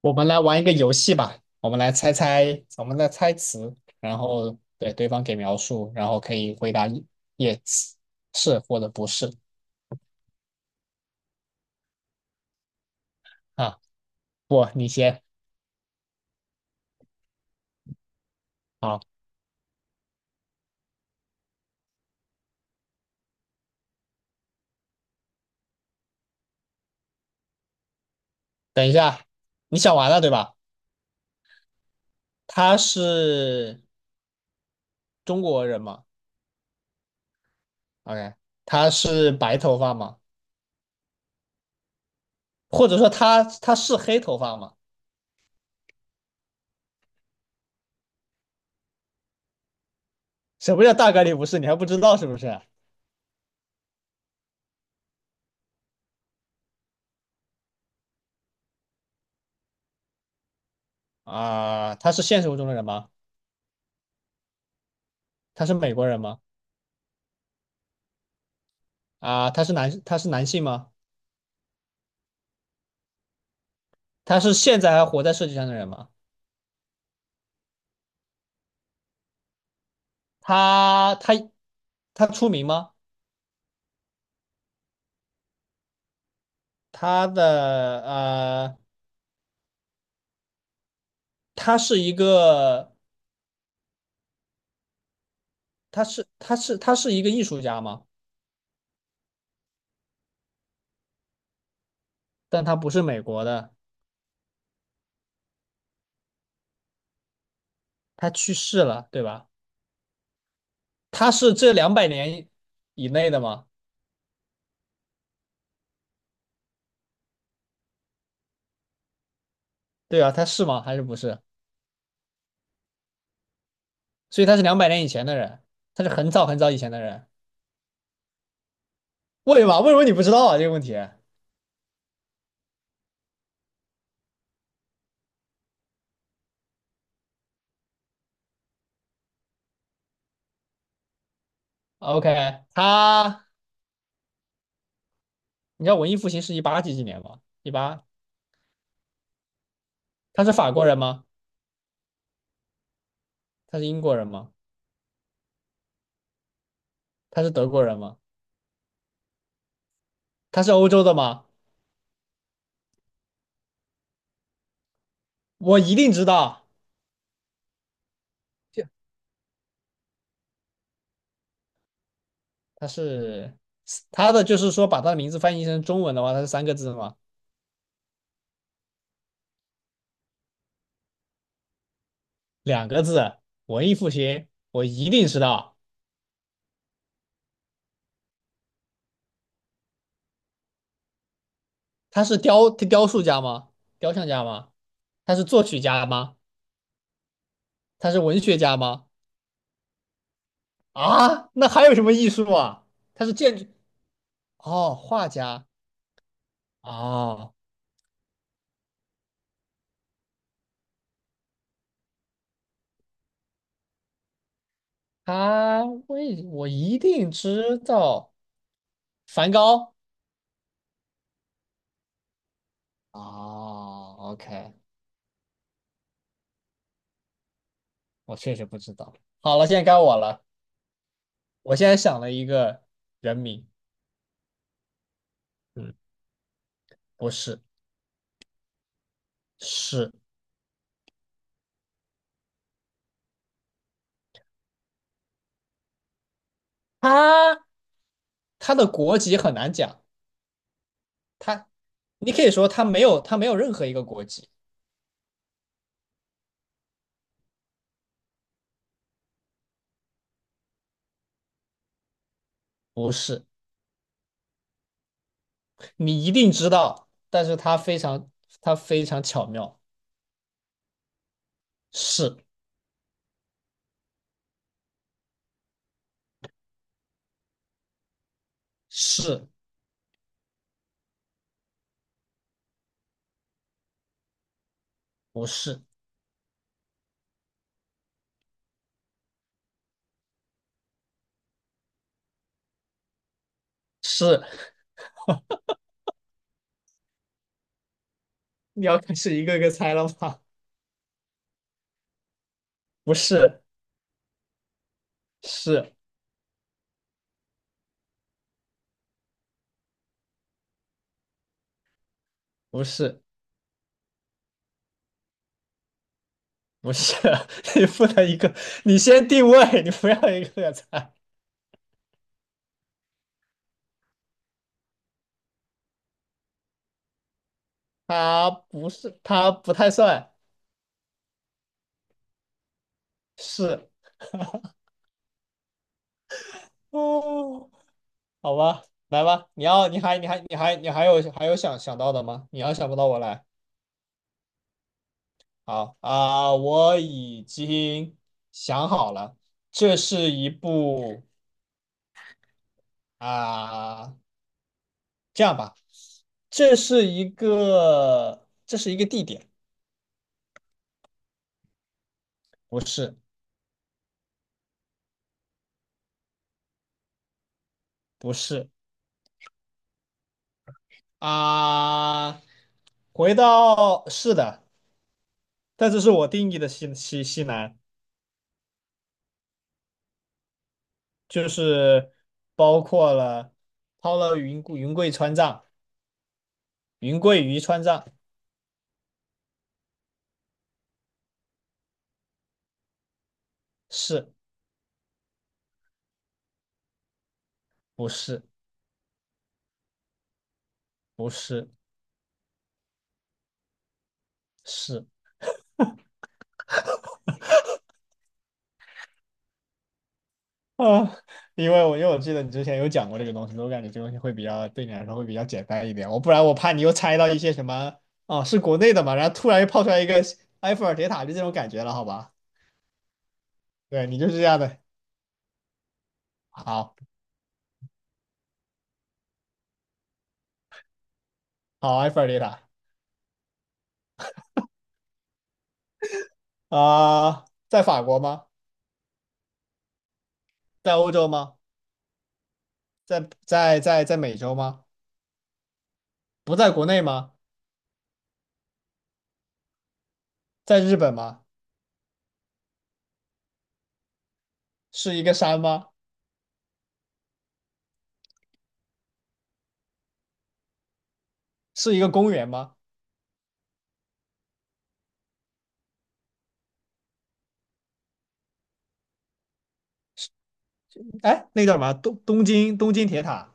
我们来玩一个游戏吧，我们来猜猜，我们来猜词，然后对对方给描述，然后可以回答 yes， 是或者不是啊。不，你先。好，等一下，你想完了对吧？他是中国人吗？OK，他是白头发吗？或者说他是黑头发吗？什么叫大概率不是？你还不知道是不是？啊、他是现实中的人吗？他是美国人吗？啊、他是男性吗？他是现在还活在世界上的人吗？他他出名吗？他的呃，他是一个，他是一个艺术家吗？但他不是美国的，他去世了，对吧？他是这两百年以内的吗？对啊，他是吗？还是不是？所以他是两百年以前的人，他是很早很早以前的人。为嘛？为什么你不知道啊？这个问题？OK，他，你知道文艺复兴是18几几年吗？一八，他是法国人吗？他是英国人吗？他是德国人吗？他是欧洲的吗？我一定知道就。他，是他的，就是说把他的名字翻译成中文的话，他是三个字吗？两个字，文艺复兴，我一定知道。他是雕塑家吗？雕像家吗？他是作曲家吗？他是文学家吗？啊，那还有什么艺术啊？他是建筑，哦，画家，哦，我一定知道梵高。哦，OK，我确实不知道。好了，现在该我了。我现在想了一个人名，嗯，不是，是，他，他的国籍很难讲。他，你可以说他没有，他没有任何一个国籍。不是，你一定知道，但是他非常巧妙。是，是，不是，是。你要开始一个个猜了吗？不是，是，不是，不是。你不能一个，你先定位，你不要一个个猜。它不是，它不太算是。哦，好吧，来吧，你要，你还，你还，你还，你还有，还有想想到的吗？你要想不到，我来。好啊，我已经想好了，这是一部啊，这样吧，这是一个，这是一个地点，不是，不是啊，回到，是的，但这是我定义的西南。就是包括了抛了云贵川藏，云贵渝川藏，是不是，不是，是啊？因为我记得你之前有讲过这个东西，我感觉这个东西会比较对你来说会比较简单一点，我不然我怕你又猜到一些什么，哦，是国内的嘛，然后突然又跑出来一个埃菲尔铁塔，就这种感觉了，好吧？对你就是这样的，好好埃菲尔铁塔啊、在法国吗？在欧洲吗？在美洲吗？不在国内吗？在日本吗？是一个山吗？是一个公园吗？哎，那个叫什么？东京铁塔，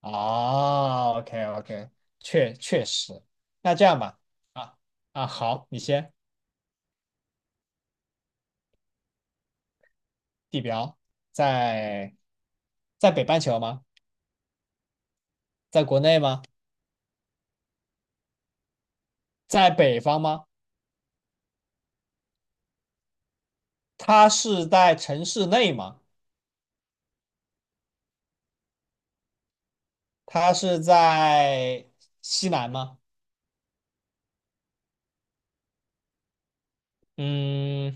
哦， OK，确实。那这样吧，啊啊，好，你先。地表在在北半球吗？在国内吗？在北方吗？它是在城市内吗？它是在西南吗？嗯，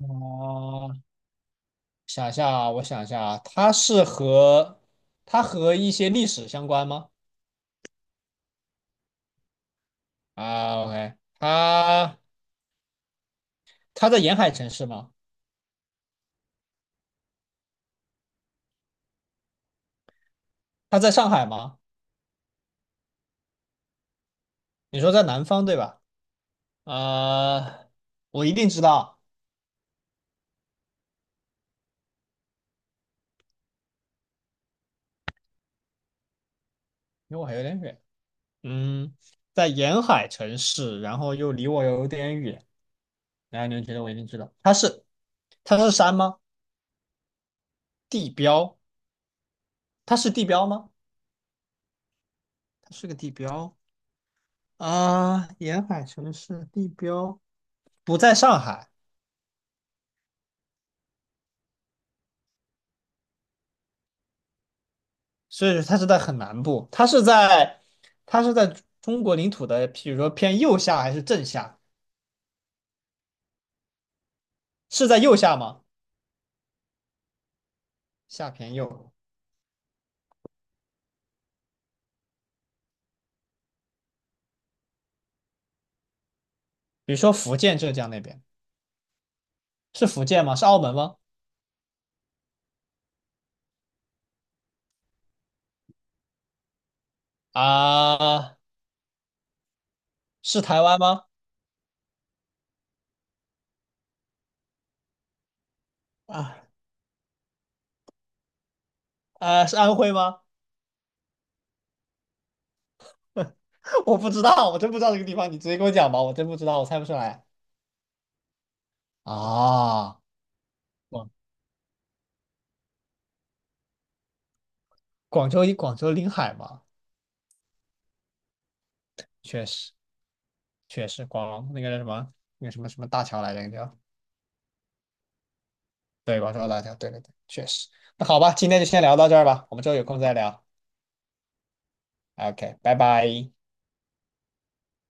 哦、想一下啊，我想一下啊，它和一些历史相关吗？啊，OK，它在沿海城市吗？它在上海吗？你说在南方对吧？呃，我一定知道，因为我还有点远。嗯，在沿海城市，然后又离我有点远，然后你就觉得我一定知道，它是山吗？地标？它是地标吗？它是个地标啊，沿海城市地标不在上海。所以它是在很南部，它是在中国领土的，比如说偏右下还是正下？是在右下吗？下偏右，比如说福建、浙江那边，是福建吗？是澳门吗？啊，是台湾吗？啊啊，是安徽吗？我不知道，我真不知道这个地方，你直接给我讲吧，我真不知道，我猜不出来。啊，广广州临海嘛，确实，确实，那个叫什么那个什么什么大桥来着，那个叫。对，广州辣条，对，对，对，确实。那好吧，今天就先聊到这儿吧，我们之后有空再聊。OK，拜拜。